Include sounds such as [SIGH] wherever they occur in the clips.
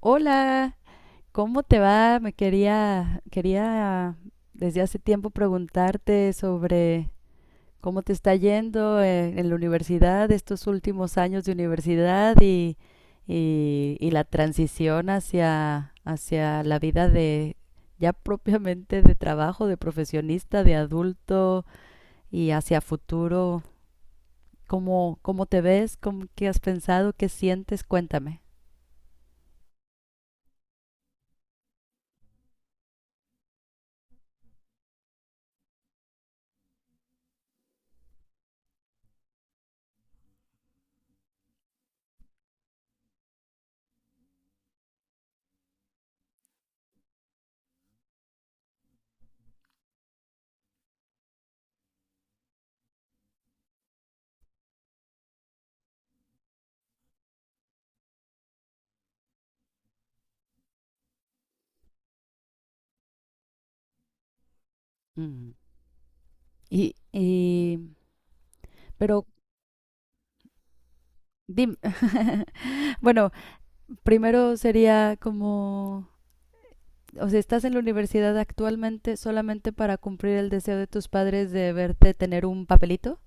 Hola, ¿cómo te va? Quería desde hace tiempo preguntarte sobre cómo te está yendo en la universidad, estos últimos años de universidad y la transición hacia, hacia la vida de ya propiamente de trabajo, de profesionista, de adulto y hacia futuro. ¿Cómo, cómo te ves? ¿Cómo, qué has pensado? ¿Qué sientes? Cuéntame. Mm. Y, y, pero Dim- [LAUGHS] bueno, primero sería como, o sea, estás en la universidad actualmente solamente para cumplir el deseo de tus padres de verte tener un papelito.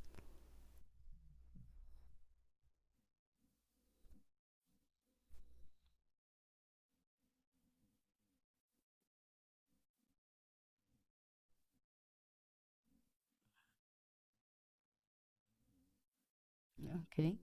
Ok.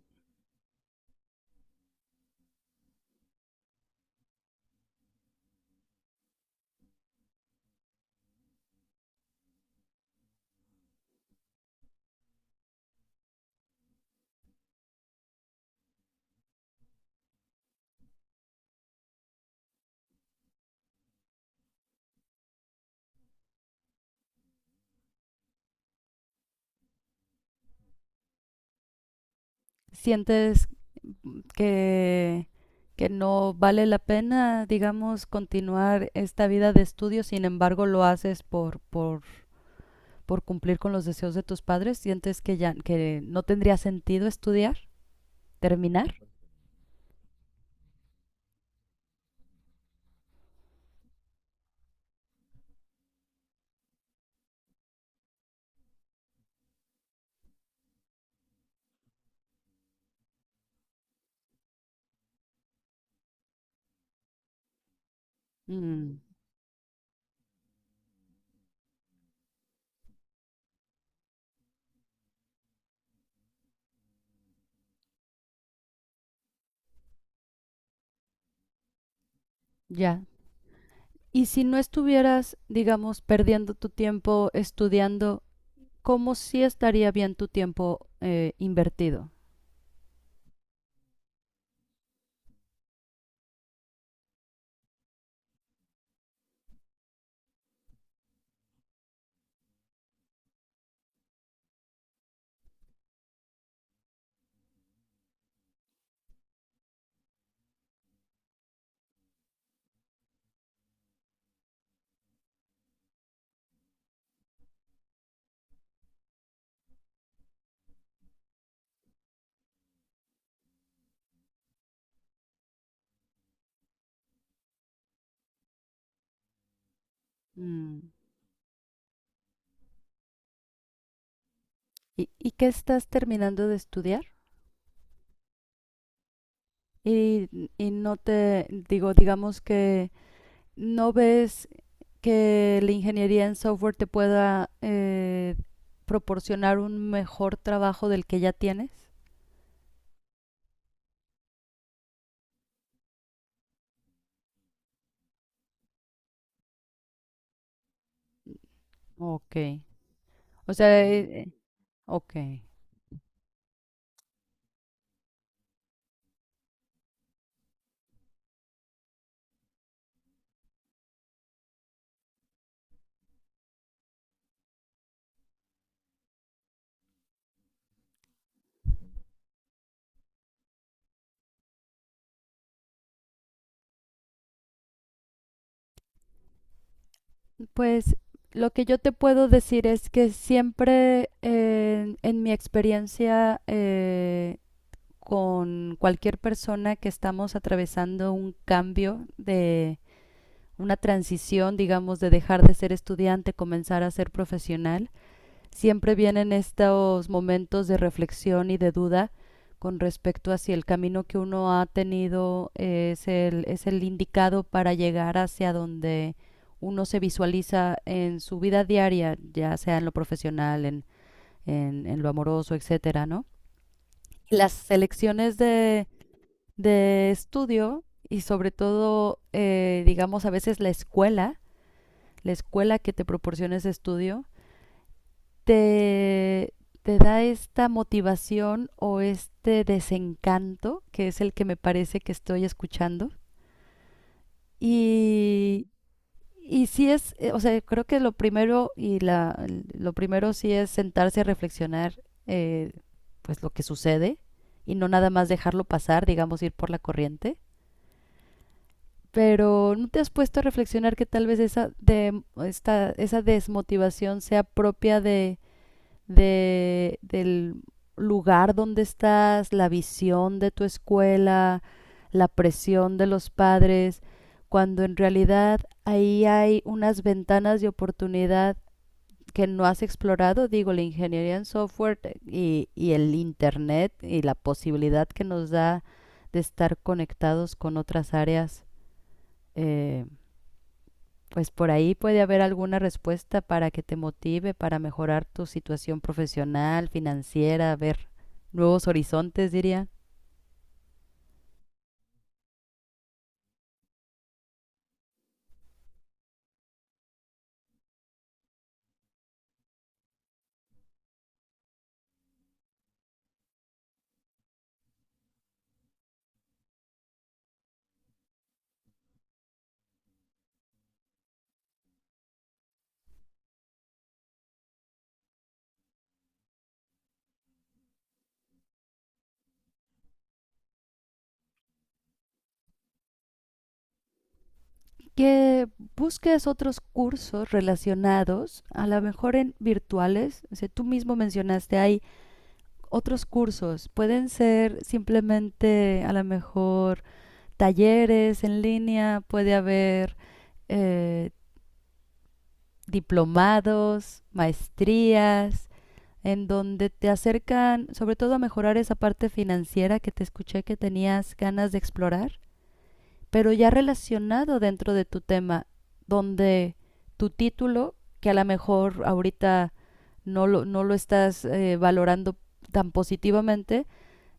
¿Sientes que, que no vale la pena, digamos, continuar esta vida de estudio? Sin embargo, lo haces por cumplir con los deseos de tus padres. ¿Sientes que ya que no tendría sentido estudiar, terminar? Mm, Ya, Y si no estuvieras, digamos, perdiendo tu tiempo estudiando, ¿cómo sí estaría bien tu tiempo invertido? Mm. Y qué estás terminando de estudiar? Y, y no te digo, digamos, que no ves que la ingeniería en software te pueda proporcionar un mejor trabajo del que ya tienes. Ok. O sea, ok. Pues lo que yo te puedo decir es que siempre en mi experiencia con cualquier persona que estamos atravesando un cambio de una transición, digamos, de dejar de ser estudiante, comenzar a ser profesional, siempre vienen estos momentos de reflexión y de duda con respecto a si el camino que uno ha tenido es es el indicado para llegar hacia donde uno se visualiza en su vida diaria, ya sea en lo profesional, en lo amoroso, etcétera, ¿no? Las selecciones de estudio y sobre todo, digamos, a veces la escuela que te proporciona ese estudio, te, te da esta motivación o este desencanto, que es el que me parece que estoy escuchando. Y, y sí es, o sea, creo que lo primero y lo primero sí es sentarse a reflexionar eh, pues lo que sucede y no nada más dejarlo pasar, digamos, ir por la corriente. Pero ¿no te has puesto a reflexionar que tal vez esa desmotivación sea propia de del lugar donde estás, la visión de tu escuela, la presión de los padres, cuando en realidad ahí hay unas ventanas de oportunidad que no has explorado? Digo, la ingeniería en software y el Internet y la posibilidad que nos da de estar conectados con otras áreas, eh, pues por ahí puede haber alguna respuesta para que te motive para mejorar tu situación profesional, financiera, ver nuevos horizontes, diría. Que busques otros cursos relacionados, a lo mejor en virtuales. O sea, tú mismo mencionaste, hay otros cursos. Pueden ser simplemente, a lo mejor, talleres en línea, puede haber eh, diplomados, maestrías en donde te acercan sobre todo a mejorar esa parte financiera que te escuché que tenías ganas de explorar, pero ya relacionado dentro de tu tema, donde tu título, que a lo mejor ahorita no lo estás valorando tan positivamente,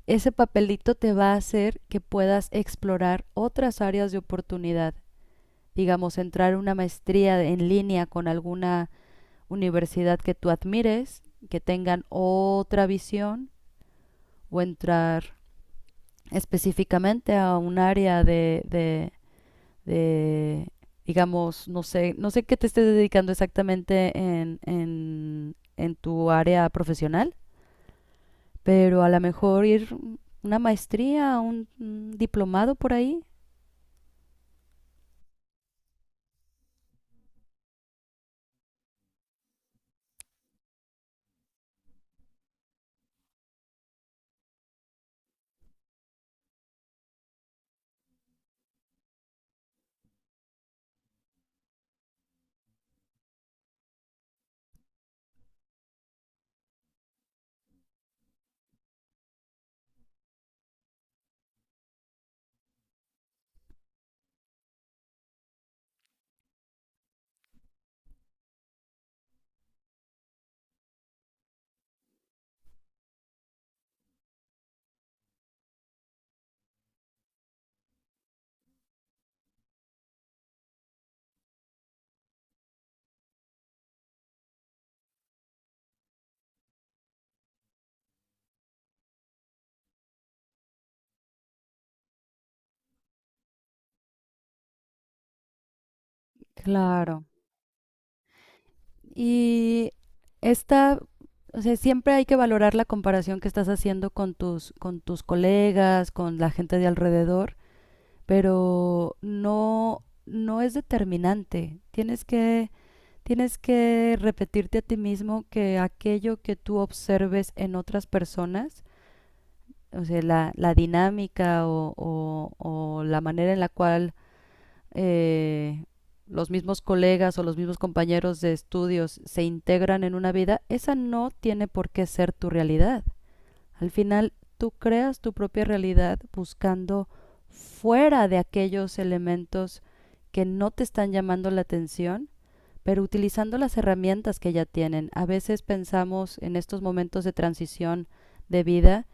ese papelito te va a hacer que puedas explorar otras áreas de oportunidad, digamos, entrar a una maestría en línea con alguna universidad que tú admires, que tengan otra visión, o entrar específicamente a un área de digamos, no sé, no sé qué te estés dedicando exactamente en, en tu área profesional, pero a lo mejor ir una maestría, un diplomado por ahí. Claro. Y esta, o sea, siempre hay que valorar la comparación que estás haciendo con con tus colegas, con la gente de alrededor, pero no, no es determinante. Tienes que repetirte a ti mismo que aquello que tú observes en otras personas, o sea, la dinámica o la manera en la cual eh, los mismos colegas o los mismos compañeros de estudios se integran en una vida, esa no tiene por qué ser tu realidad. Al final, tú creas tu propia realidad buscando fuera de aquellos elementos que no te están llamando la atención, pero utilizando las herramientas que ya tienen. A veces pensamos en estos momentos de transición de vida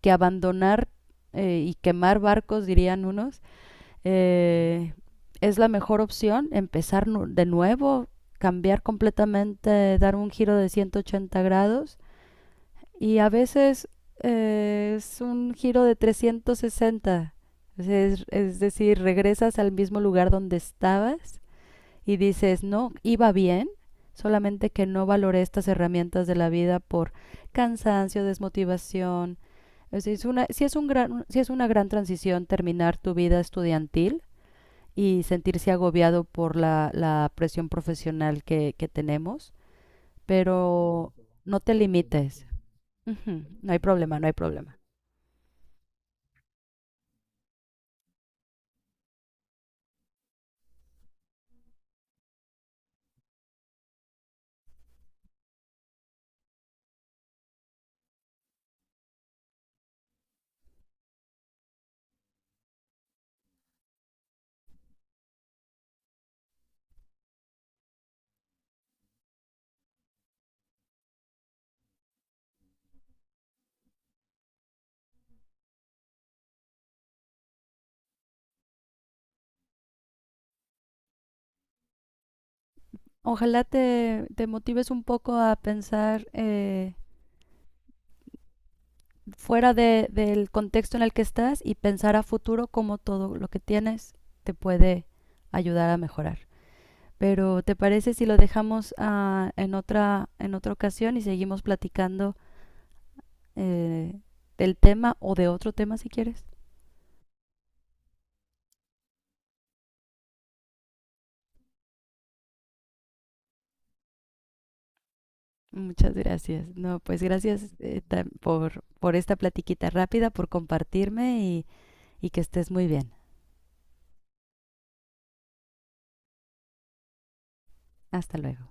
que abandonar y quemar barcos, dirían unos, eh, es la mejor opción empezar de nuevo, cambiar completamente, dar un giro de 180 grados, y a veces es un giro de 360. Es decir, regresas al mismo lugar donde estabas y dices, no, iba bien, solamente que no valoré estas herramientas de la vida por cansancio, desmotivación. O es una, sí es un gran, sí es una gran transición terminar tu vida estudiantil y sentirse agobiado por la presión profesional que tenemos, pero no te limites. Ujú. No hay problema, no hay problema. Ojalá te motives un poco a pensar fuera de- del contexto en el que estás y pensar a futuro cómo todo lo que tienes te puede ayudar a mejorar. Pero ¿te parece si lo dejamos ah, en otra ocasión y seguimos platicando eh, del tema o de otro tema si quieres? Muchas gracias. No, pues gracias ta- por esta platiquita rápida, por compartirme, y que estés muy bien. Hasta luego.